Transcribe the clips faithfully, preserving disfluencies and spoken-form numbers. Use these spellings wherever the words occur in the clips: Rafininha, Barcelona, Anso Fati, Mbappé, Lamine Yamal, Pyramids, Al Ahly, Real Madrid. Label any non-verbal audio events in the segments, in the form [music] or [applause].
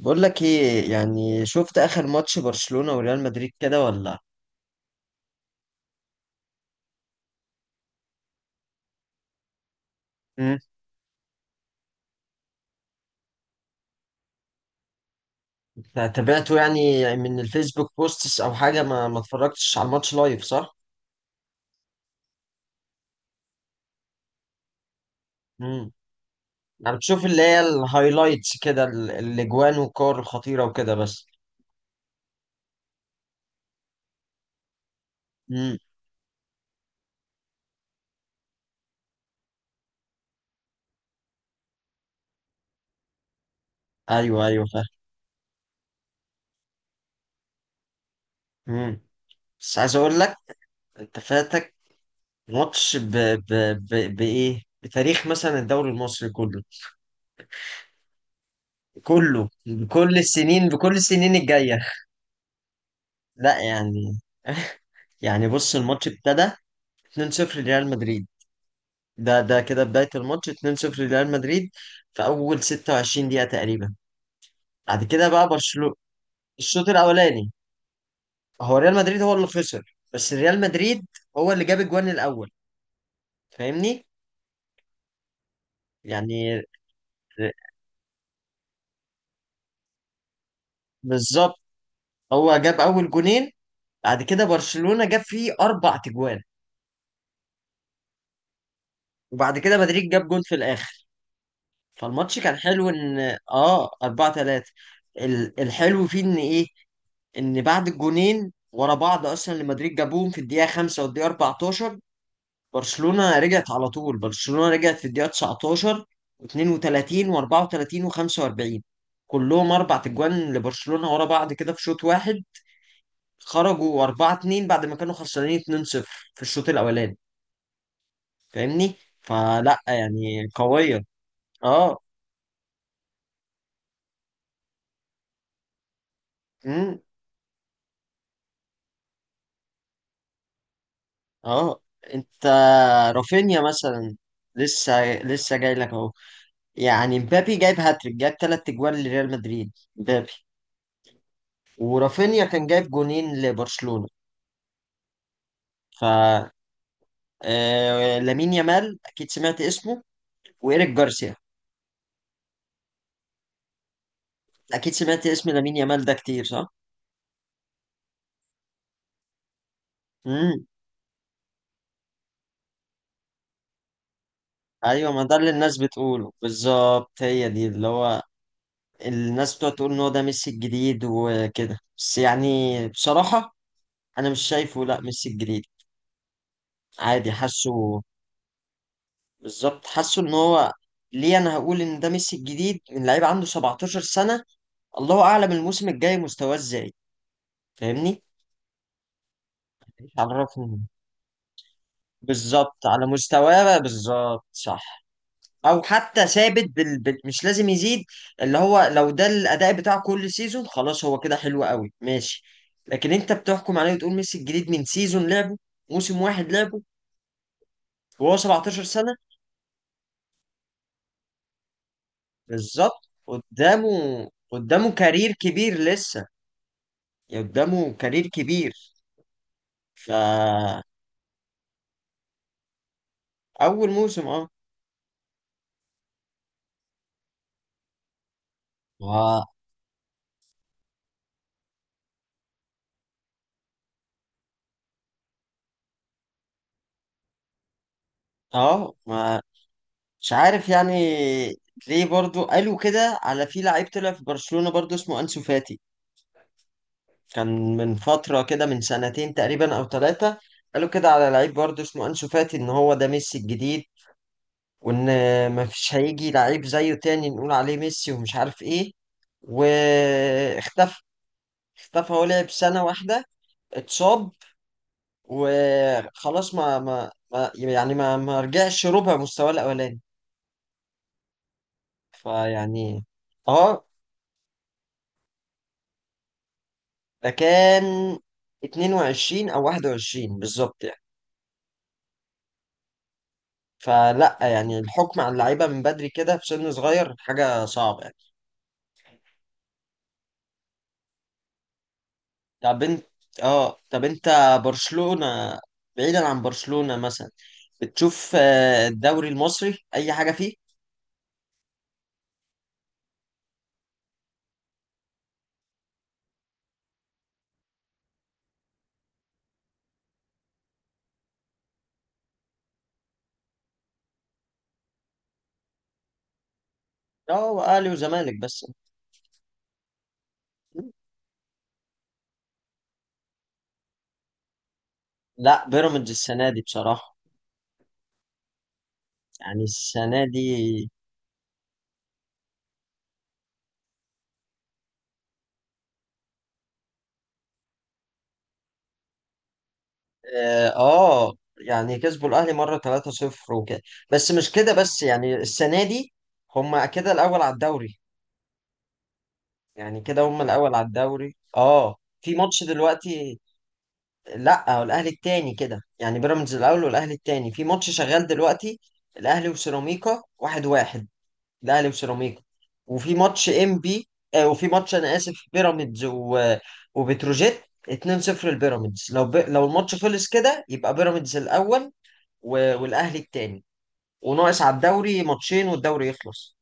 بقول لك ايه؟ يعني شفت اخر ماتش برشلونة وريال مدريد كده ولا؟ مم. تابعته يعني من الفيسبوك بوستس او حاجة، ما ما اتفرجتش على الماتش لايف، صح؟ امم. انا بشوف اللي هي الهايلايتس كده، ال- الاجوان والكور الخطيرة وكده بس. امم. ايوه، ايوه، فاهم. امم. بس عايز اقول لك، انت فاتك ماتش ب... ب... ب... بايه؟ بتاريخ مثلا الدوري المصري كله، كله، بكل السنين، بكل السنين الجاية. لا يعني [laughs] يعني بص، الماتش ابتدى اتنين صفر لريال مدريد. ده ده كده بداية الماتش، اتنين صفر لريال مدريد في أول ستة وعشرين دقيقة تقريبا. بعد كده بقى برشلونة الشوط الأولاني. هو ريال مدريد هو اللي خسر، بس ريال مدريد هو اللي جاب الجوان الأول، فاهمني؟ يعني ر- بالظبط، هو جاب أول جونين، بعد كده برشلونة جاب فيه أربع تجوان، وبعد كده مدريد جاب جون في الآخر. فالماتش كان حلو، إن آه اربعة ثلاثة. ال- الحلو فيه إن إيه؟ ان بعد الجونين ورا بعض اصلا اللي مدريد جابوهم في الدقيقه خمسة والدقيقه اربعة عشر، برشلونه رجعت على طول، برشلونه رجعت في الدقيقه تسعة عشر و32 و34 و45، كلهم اربع تجوان لبرشلونه ورا بعض كده في شوط واحد. خرجوا اربعة اتنين بعد ما كانوا خسرانين اثنين صفر في الشوط الاولاني، فاهمني؟ فلا يعني، قويه. اه. امم. اه. انت. رافينيا مثلا، لسه لسه جاي لك اهو. يعني مبابي جايب هاتريك، جايب ثلاث اجوان لريال مدريد، مبابي. ورافينيا كان جايب جونين لبرشلونة. ف آه، لامين يامال، اكيد سمعت اسمه، وايريك جارسيا. اكيد سمعت اسم لامين يامال ده كتير، صح؟ امم. ايوه، ما ده اللي الناس بتقوله بالظبط، هي دي اللي هو، الناس بتقعد تقول ان هو ده ميسي الجديد وكده بس، يعني بصراحة انا مش شايفه لا ميسي الجديد، عادي. حاسه بالظبط، حاسه ان هو، ليه انا هقول ان ده ميسي الجديد من لعيب عنده 17 سنة؟ الله اعلم الموسم الجاي مستواه ازاي، فاهمني؟ مش عرفني. بالظبط، على مستواه بقى، بالظبط صح. او حتى ثابت بال... بال... مش لازم يزيد، اللي هو لو ده الاداء بتاعه كل سيزون، خلاص هو كده حلو قوي، ماشي. لكن انت بتحكم عليه وتقول ميسي الجديد من سيزون لعبه، موسم واحد لعبه، وهو 17 سنة. بالظبط، قدامه. قدامه كارير كبير لسه، يعني قدامه كارير كبير. فأول موسم، اه. و- اه، ما مش عارف يعني. ليه برضو قالوا كده على في لعيب طلع في برشلونة برضو اسمه أنسو فاتي، كان من فترة كده، من سنتين تقريبا أو ثلاثة. قالوا كده على لعيب برضو اسمه أنسو فاتي إن هو ده ميسي الجديد، وإن مفيش هيجي لعيب زيه تاني نقول عليه ميسي ومش عارف إيه، واختفى. اختفى، هو لعب سنة واحدة، اتصاب، وخلاص ما ما ما يعني ما ما رجعش ربع مستواه الاولاني، فيعني اه. ده كان اتنين وعشرين او واحد وعشرين بالظبط يعني. فلا يعني الحكم على اللعيبه من بدري كده، في سن صغير، حاجه صعبه يعني. طب انت اه طب انت برشلونه، بعيدا عن برشلونه مثلا، بتشوف آه، الدوري المصري اي حاجه فيه؟ اه، واهلي وزمالك بس. لا، بيراميدز السنه دي بصراحه، يعني السنه دي. اه آه، يعني كسبوا الاهلي مره تلاته صفر وكده، بس مش كده بس، يعني السنه دي هم كده الاول على الدوري. يعني كده هم الاول على الدوري، اه، في ماتش دلوقتي. لا، هو الاهلي التاني كده، يعني بيراميدز الاول والاهلي التاني في ماتش شغال دلوقتي. الاهلي وسيراميكا واحد واحد، الاهلي وسيراميكا. وفي ماتش ام بي آه وفي ماتش، انا اسف، بيراميدز و... وبتروجيت اتنين صفر لبيراميدز. لو ب... لو الماتش خلص كده يبقى بيراميدز الاول و- والاهلي التاني. وناقص على الدوري ماتشين والدوري يخلص.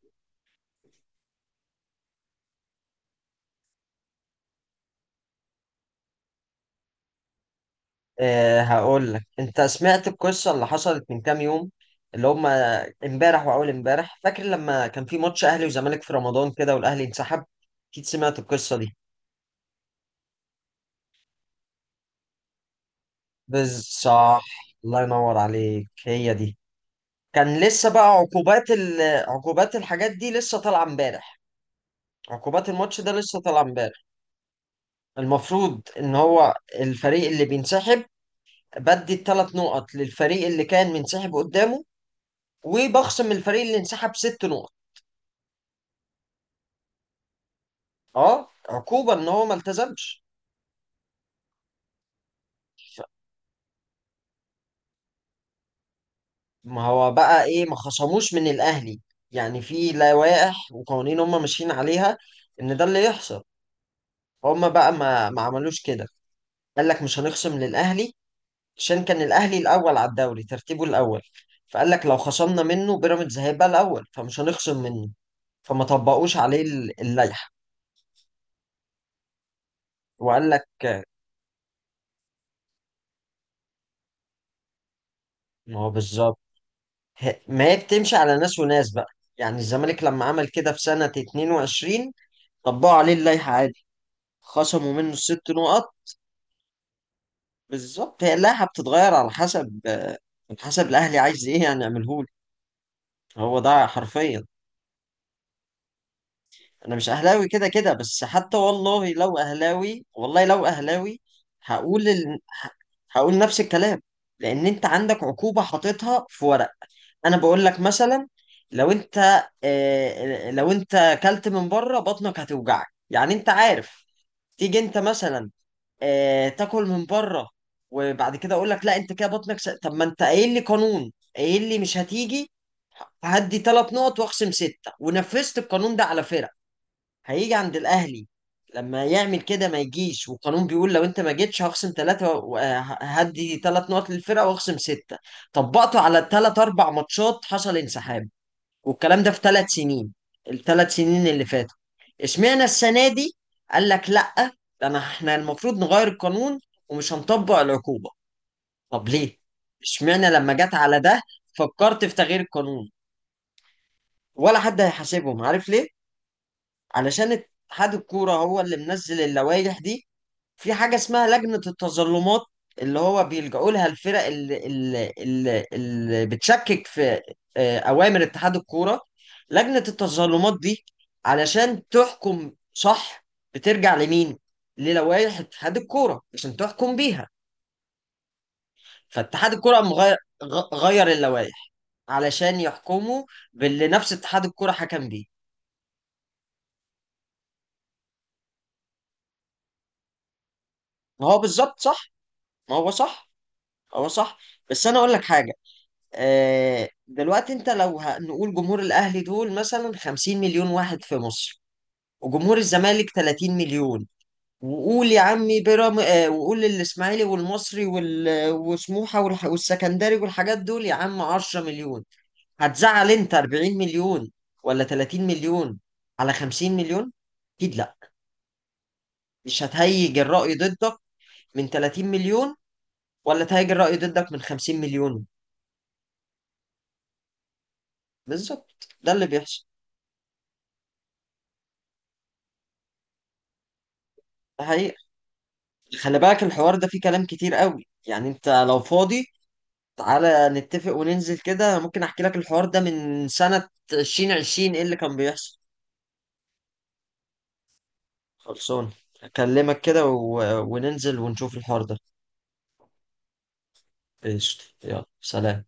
أه، هقول لك، انت سمعت القصه اللي حصلت من كام يوم؟ اللي هم امبارح واول امبارح، فاكر لما كان في ماتش اهلي وزمالك في رمضان كده والاهلي انسحب؟ اكيد سمعت القصه دي. بس صح، الله ينور عليك، هي دي. كان لسه بقى عقوبات ال... عقوبات الحاجات دي لسه طالعه امبارح، عقوبات الماتش ده لسه طالعه امبارح. المفروض ان هو الفريق اللي بينسحب بدي الثلاث نقط للفريق اللي كان منسحب قدامه، وبخصم الفريق اللي انسحب ست نقط، اه، عقوبة ان هو ما التزمش. ف- ما هو بقى ايه، ما خصموش من الاهلي. يعني في لوائح وقوانين هم ماشيين عليها ان ده اللي يحصل، هم بقى ما ما عملوش كده. قال لك مش هنخصم للاهلي عشان كان الاهلي الاول على الدوري، ترتيبه الاول، فقال لك لو خصمنا منه بيراميدز هيبقى الاول، فمش هنخصم منه. فما طبقوش عليه ال- اللائحة. وقال لك، ما هو بالظبط، ه- ما هي بتمشي على ناس وناس بقى. يعني الزمالك لما عمل كده في سنة اتنين وعشرين، طبقوا عليه اللائحة عادي، خصموا منه الست نقط. بالظبط، هي اللائحة بتتغير على حسب آه، على حسب الأهلي عايز إيه، يعني يعملهولي. هو ده حرفيا. أنا مش أهلاوي كده كده، بس حتى والله لو أهلاوي، والله لو أهلاوي هقول ال... ه- هقول نفس الكلام، لأن أنت عندك عقوبة حاططها في ورق. انا بقول لك مثلا، لو انت، آه، لو انت اكلت من بره بطنك هتوجعك، يعني انت عارف. تيجي انت مثلا آه، تاكل من بره، وبعد كده اقول لك لا انت كده بطنك س... طب ما انت قايل لي قانون، قايل لي مش هتيجي، هدي ثلاث نقط واخصم سته، ونفذت القانون ده على فرق، هيجي عند الاهلي لما يعمل كده ما يجيش، والقانون بيقول لو انت ما جيتش هخصم ثلاثه وهدي ثلاث نقط للفرقه واخصم سته. طبقته على ثلاث اربع ماتشات حصل انسحاب، والكلام ده في ثلاث سنين، الثلاث سنين اللي فاتوا. اشمعنى السنه دي قال لك لا، انا احنا المفروض نغير القانون ومش هنطبق العقوبه؟ طب ليه؟ اشمعنى لما جت على ده فكرت في تغيير القانون؟ ولا حد هيحاسبهم، عارف ليه؟ علشان اتحاد الكوره هو اللي منزل اللوائح دي. في حاجة اسمها لجنة التظلمات، اللي هو بيلجأوا لها الفرق اللي, اللي, اللي, اللي بتشكك في آه، أوامر اتحاد الكورة. لجنة التظلمات دي علشان تحكم صح بترجع لمين؟ للوائح اتحاد الكورة عشان تحكم بيها. فاتحاد الكورة قام غير غ- غير اللوائح علشان يحكموا باللي نفس اتحاد الكورة حكم بيه. ما هو بالظبط صح، ما هو صح، هو صح. بس أنا أقول لك حاجة، آه، دلوقتي انت لو ه- نقول جمهور الاهلي دول مثلا خمسين مليون واحد في مصر، وجمهور الزمالك تلاتين مليون، وقول يا عمي بيرام، آه، وقول الاسماعيلي والمصري وال... وسموحه والح... والسكندري والحاجات دول يا عم عشر مليون، هتزعل انت اربعين مليون ولا تلاتين مليون على خمسين مليون؟ اكيد لا، مش هتهيج الرأي ضدك من تلاتين مليون ولا تهيج الرأي ضدك من خمسين مليون. بالظبط، ده اللي بيحصل، ده حقيقي. خلي بالك الحوار ده فيه كلام كتير قوي، يعني انت لو فاضي، تعالى نتفق وننزل كده، ممكن احكي لك الحوار ده من سنة الفين وعشرين ايه اللي كان بيحصل. خلصان، اكلمك كده و... وننزل ونشوف الحوار ده. قشطة، يلا سلام.